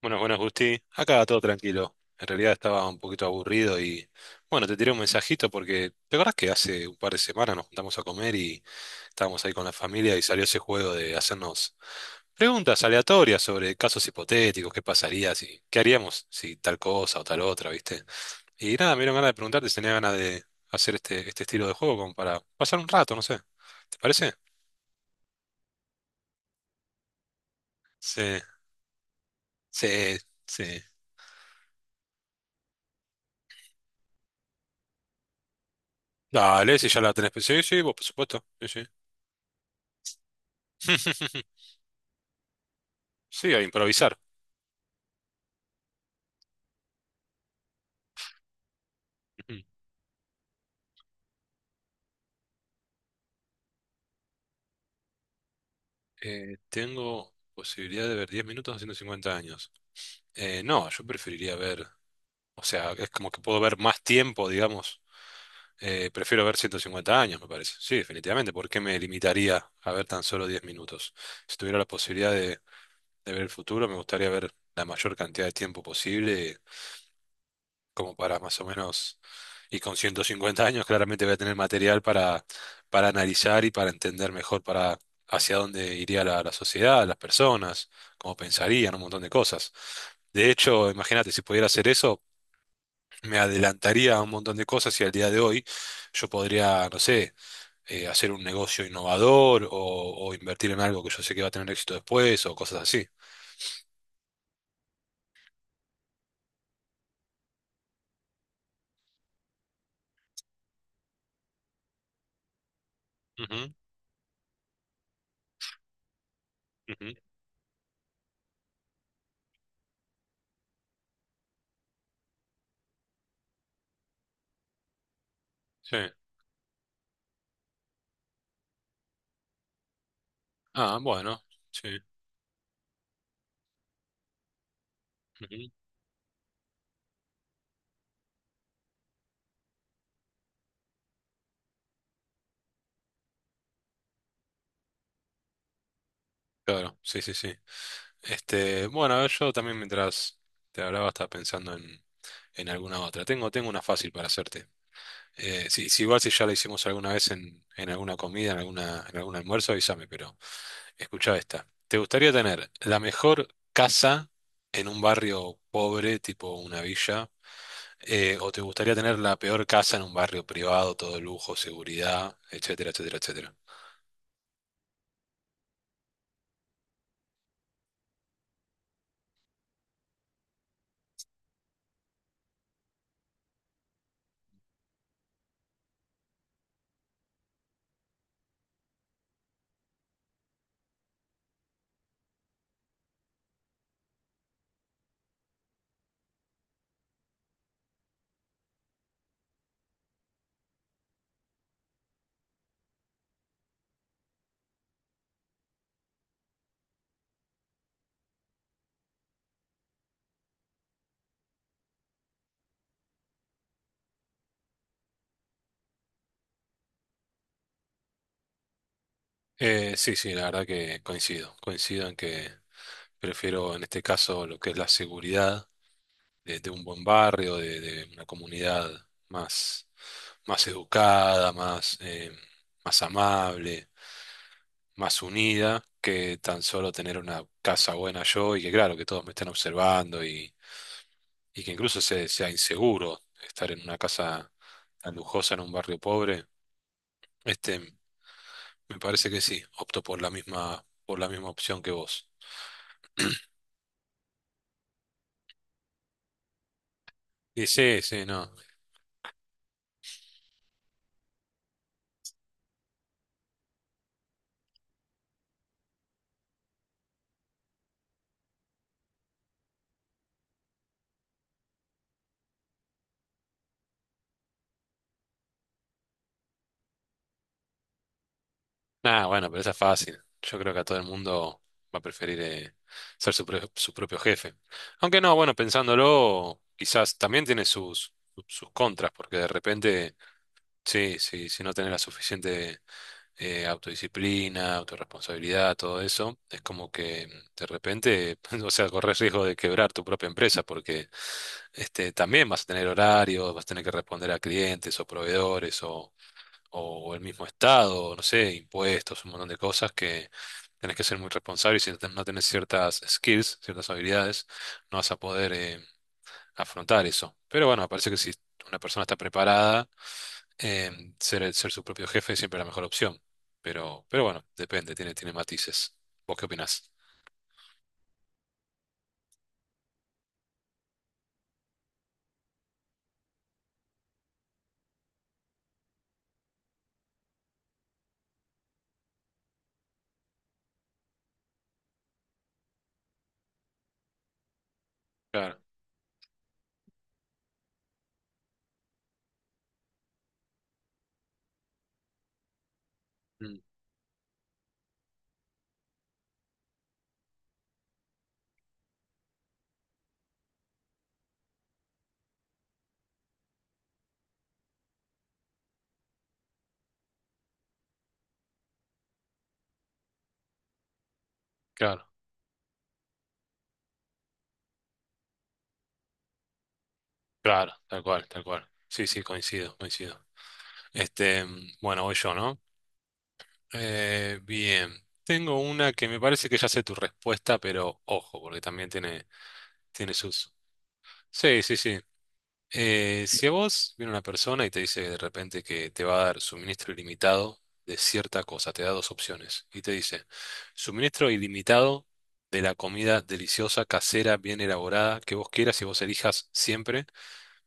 Bueno, bueno, Justi, acá todo tranquilo. En realidad estaba un poquito aburrido y bueno, te tiré un mensajito porque ¿te acordás que hace un par de semanas nos juntamos a comer y estábamos ahí con la familia y salió ese juego de hacernos preguntas aleatorias sobre casos hipotéticos, qué pasaría, si, qué haríamos si tal cosa o tal otra, ¿viste? Y nada, me dieron ganas de preguntarte si tenía ganas de hacer este estilo de juego como para pasar un rato, no sé. ¿Te parece? Sí, sí, sí. Dale, si ya la tenés. Sí, sí, vos, por supuesto. Sí, sí. Sí, a improvisar. Ujú. Tengo posibilidad de ver 10 minutos a 150 años. No, yo preferiría ver, o sea, es como que puedo ver más tiempo, digamos. Prefiero ver 150 años, me parece. Sí, definitivamente. ¿Por qué me limitaría a ver tan solo 10 minutos? Si tuviera la posibilidad de ver el futuro, me gustaría ver la mayor cantidad de tiempo posible como para más o menos, y con 150 años claramente voy a tener material para analizar y para entender mejor para hacia dónde iría la sociedad, las personas, cómo pensarían, un montón de cosas. De hecho, imagínate, si pudiera hacer eso, me adelantaría a un montón de cosas y al día de hoy yo podría, no sé, hacer un negocio innovador o invertir en algo que yo sé que va a tener éxito después o cosas así. Ujú, ujú, sí. Ah, bueno, sí. Ujú, claro, sí, sí, sí. Este, bueno, yo también mientras te hablaba estaba pensando en alguna otra. Tengo una fácil para hacerte. Si igual si ya la hicimos alguna vez en alguna comida, en algún almuerzo, avísame, pero escucha esta. ¿Te gustaría tener la mejor casa en un barrio pobre, tipo una villa? ¿O te gustaría tener la peor casa en un barrio privado, todo lujo, seguridad, etcétera, etcétera, etcétera? Sí, sí, la verdad que coincido. Coincido en que prefiero en este caso lo que es la seguridad de un buen barrio, de una comunidad más, más educada, más, más amable, más unida, que tan solo tener una casa buena yo y que claro, que todos me estén observando y que incluso sea inseguro estar en una casa tan lujosa en un barrio pobre. Este, me parece que sí, opto por la misma opción que vos. Y sí, sí, no. Nada, bueno, pero esa es fácil. Yo creo que a todo el mundo va a preferir ser su propio jefe. Aunque no, bueno, pensándolo, quizás también tiene sus contras, porque de repente, sí, sí, si no tenés la suficiente autodisciplina, autorresponsabilidad, todo eso, es como que de repente, o sea, corres riesgo de quebrar tu propia empresa porque este, también vas a tener horarios, vas a tener que responder a clientes o proveedores o el mismo estado, no sé, impuestos, un montón de cosas que tenés que ser muy responsable y si no tenés ciertas skills, ciertas habilidades, no vas a poder afrontar eso. Pero bueno, me parece que si una persona está preparada, Ser su propio jefe es siempre la mejor opción, pero bueno, depende, tiene matices. ¿Vos qué opinás? Claro, mm, claro, claro, tal cual, tal cual. Sí, sí, coincido, coincido. Este, bueno, voy yo, ¿no? Bien, tengo una que me parece que ya sé tu respuesta, pero ojo, porque también tiene sus... Sí, sí, sí. Si a vos viene una persona y te dice de repente que te va a dar suministro ilimitado de cierta cosa, te da dos opciones y te dice suministro ilimitado de la comida deliciosa, casera, bien elaborada, que vos quieras y vos elijas siempre,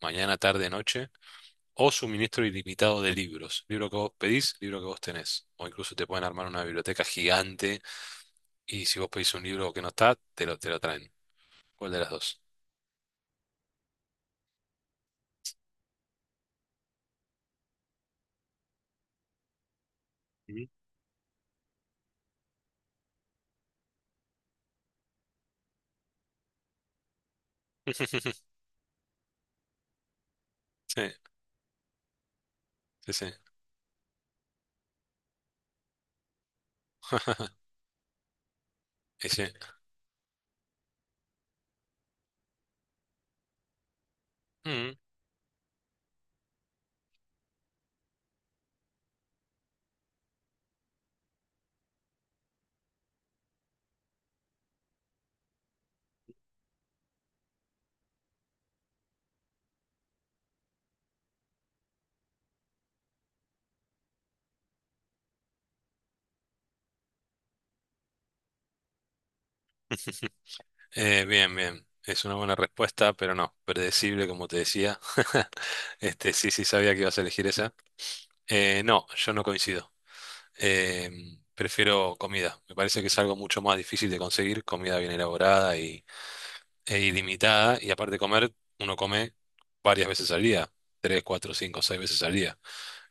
mañana, tarde, noche, o suministro ilimitado de libros, libro que vos pedís, libro que vos tenés, o incluso te pueden armar una biblioteca gigante y si vos pedís un libro que no está, te lo traen. ¿Cuál de las dos? Ujú. Sí, sí, sí. Ese. Mm. Bien, bien. Es una buena respuesta, pero no, predecible, como te decía. Este, sí, sí, sabía que ibas a elegir esa. No, yo no coincido. Eh, Prefiero comida. Me parece que es algo mucho más difícil de conseguir, comida bien elaborada e ilimitada. Y aparte de comer, uno come varias veces al día, 3, 4, 5, 6 veces al día.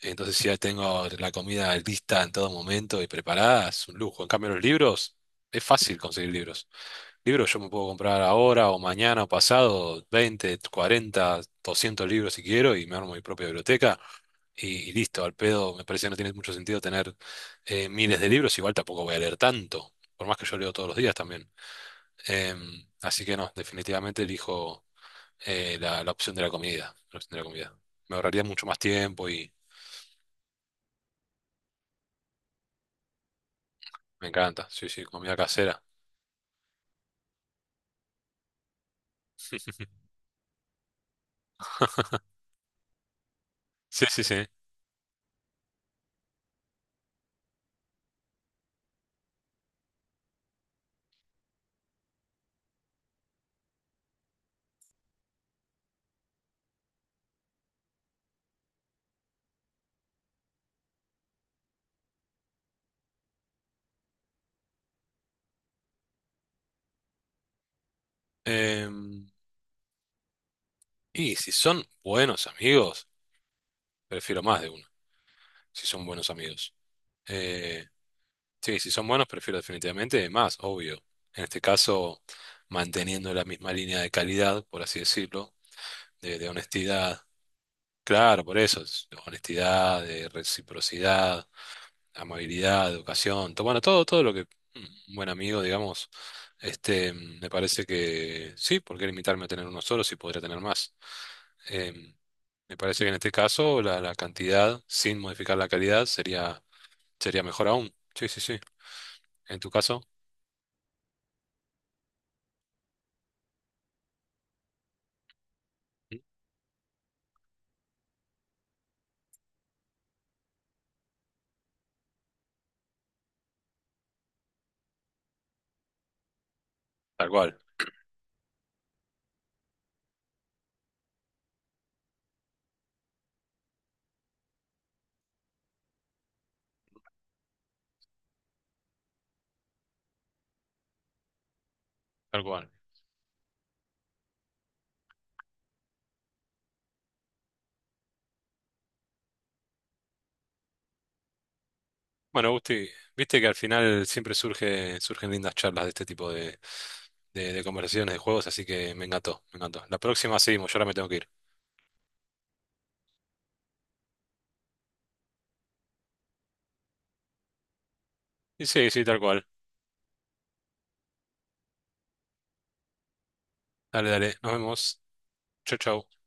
Entonces, si ya tengo la comida lista en todo momento y preparada, es un lujo. En cambio, los libros, es fácil conseguir libros. Libros yo me puedo comprar ahora o mañana o pasado 20 40 200 libros si quiero y me armo mi propia biblioteca y listo, al pedo. Me parece que no tiene mucho sentido tener miles de libros, igual tampoco voy a leer tanto, por más que yo leo todos los días también. Así que no, definitivamente elijo la opción de la comida, la opción de la comida. Me ahorraría mucho más tiempo y me encanta, sí, sí, comida casera. Sí, sí, sí. Em, y si son buenos amigos, prefiero más de uno. Si son buenos amigos. Eh, sí, si son buenos, prefiero definitivamente más, obvio. En este caso, manteniendo la misma línea de calidad, por así decirlo, de honestidad. Claro, por eso, es honestidad, de reciprocidad, amabilidad, educación, bueno, todo lo que un buen amigo, digamos, este, me parece que sí, ¿por qué limitarme a tener uno solo si podría tener más? Em, Me parece que en este caso la cantidad, sin modificar la calidad, Sería mejor aún. Sí, sí, sí. En tu caso, Mm. Tal cual, tal cual. Bueno, Gusti, viste que al final siempre surgen lindas charlas de este tipo de conversaciones, de juegos, así que me encantó, me encantó. La próxima seguimos, yo ahora me tengo que ir. Y sí, sí, tal cual. Dale, dale, nos vemos. Chau, chau.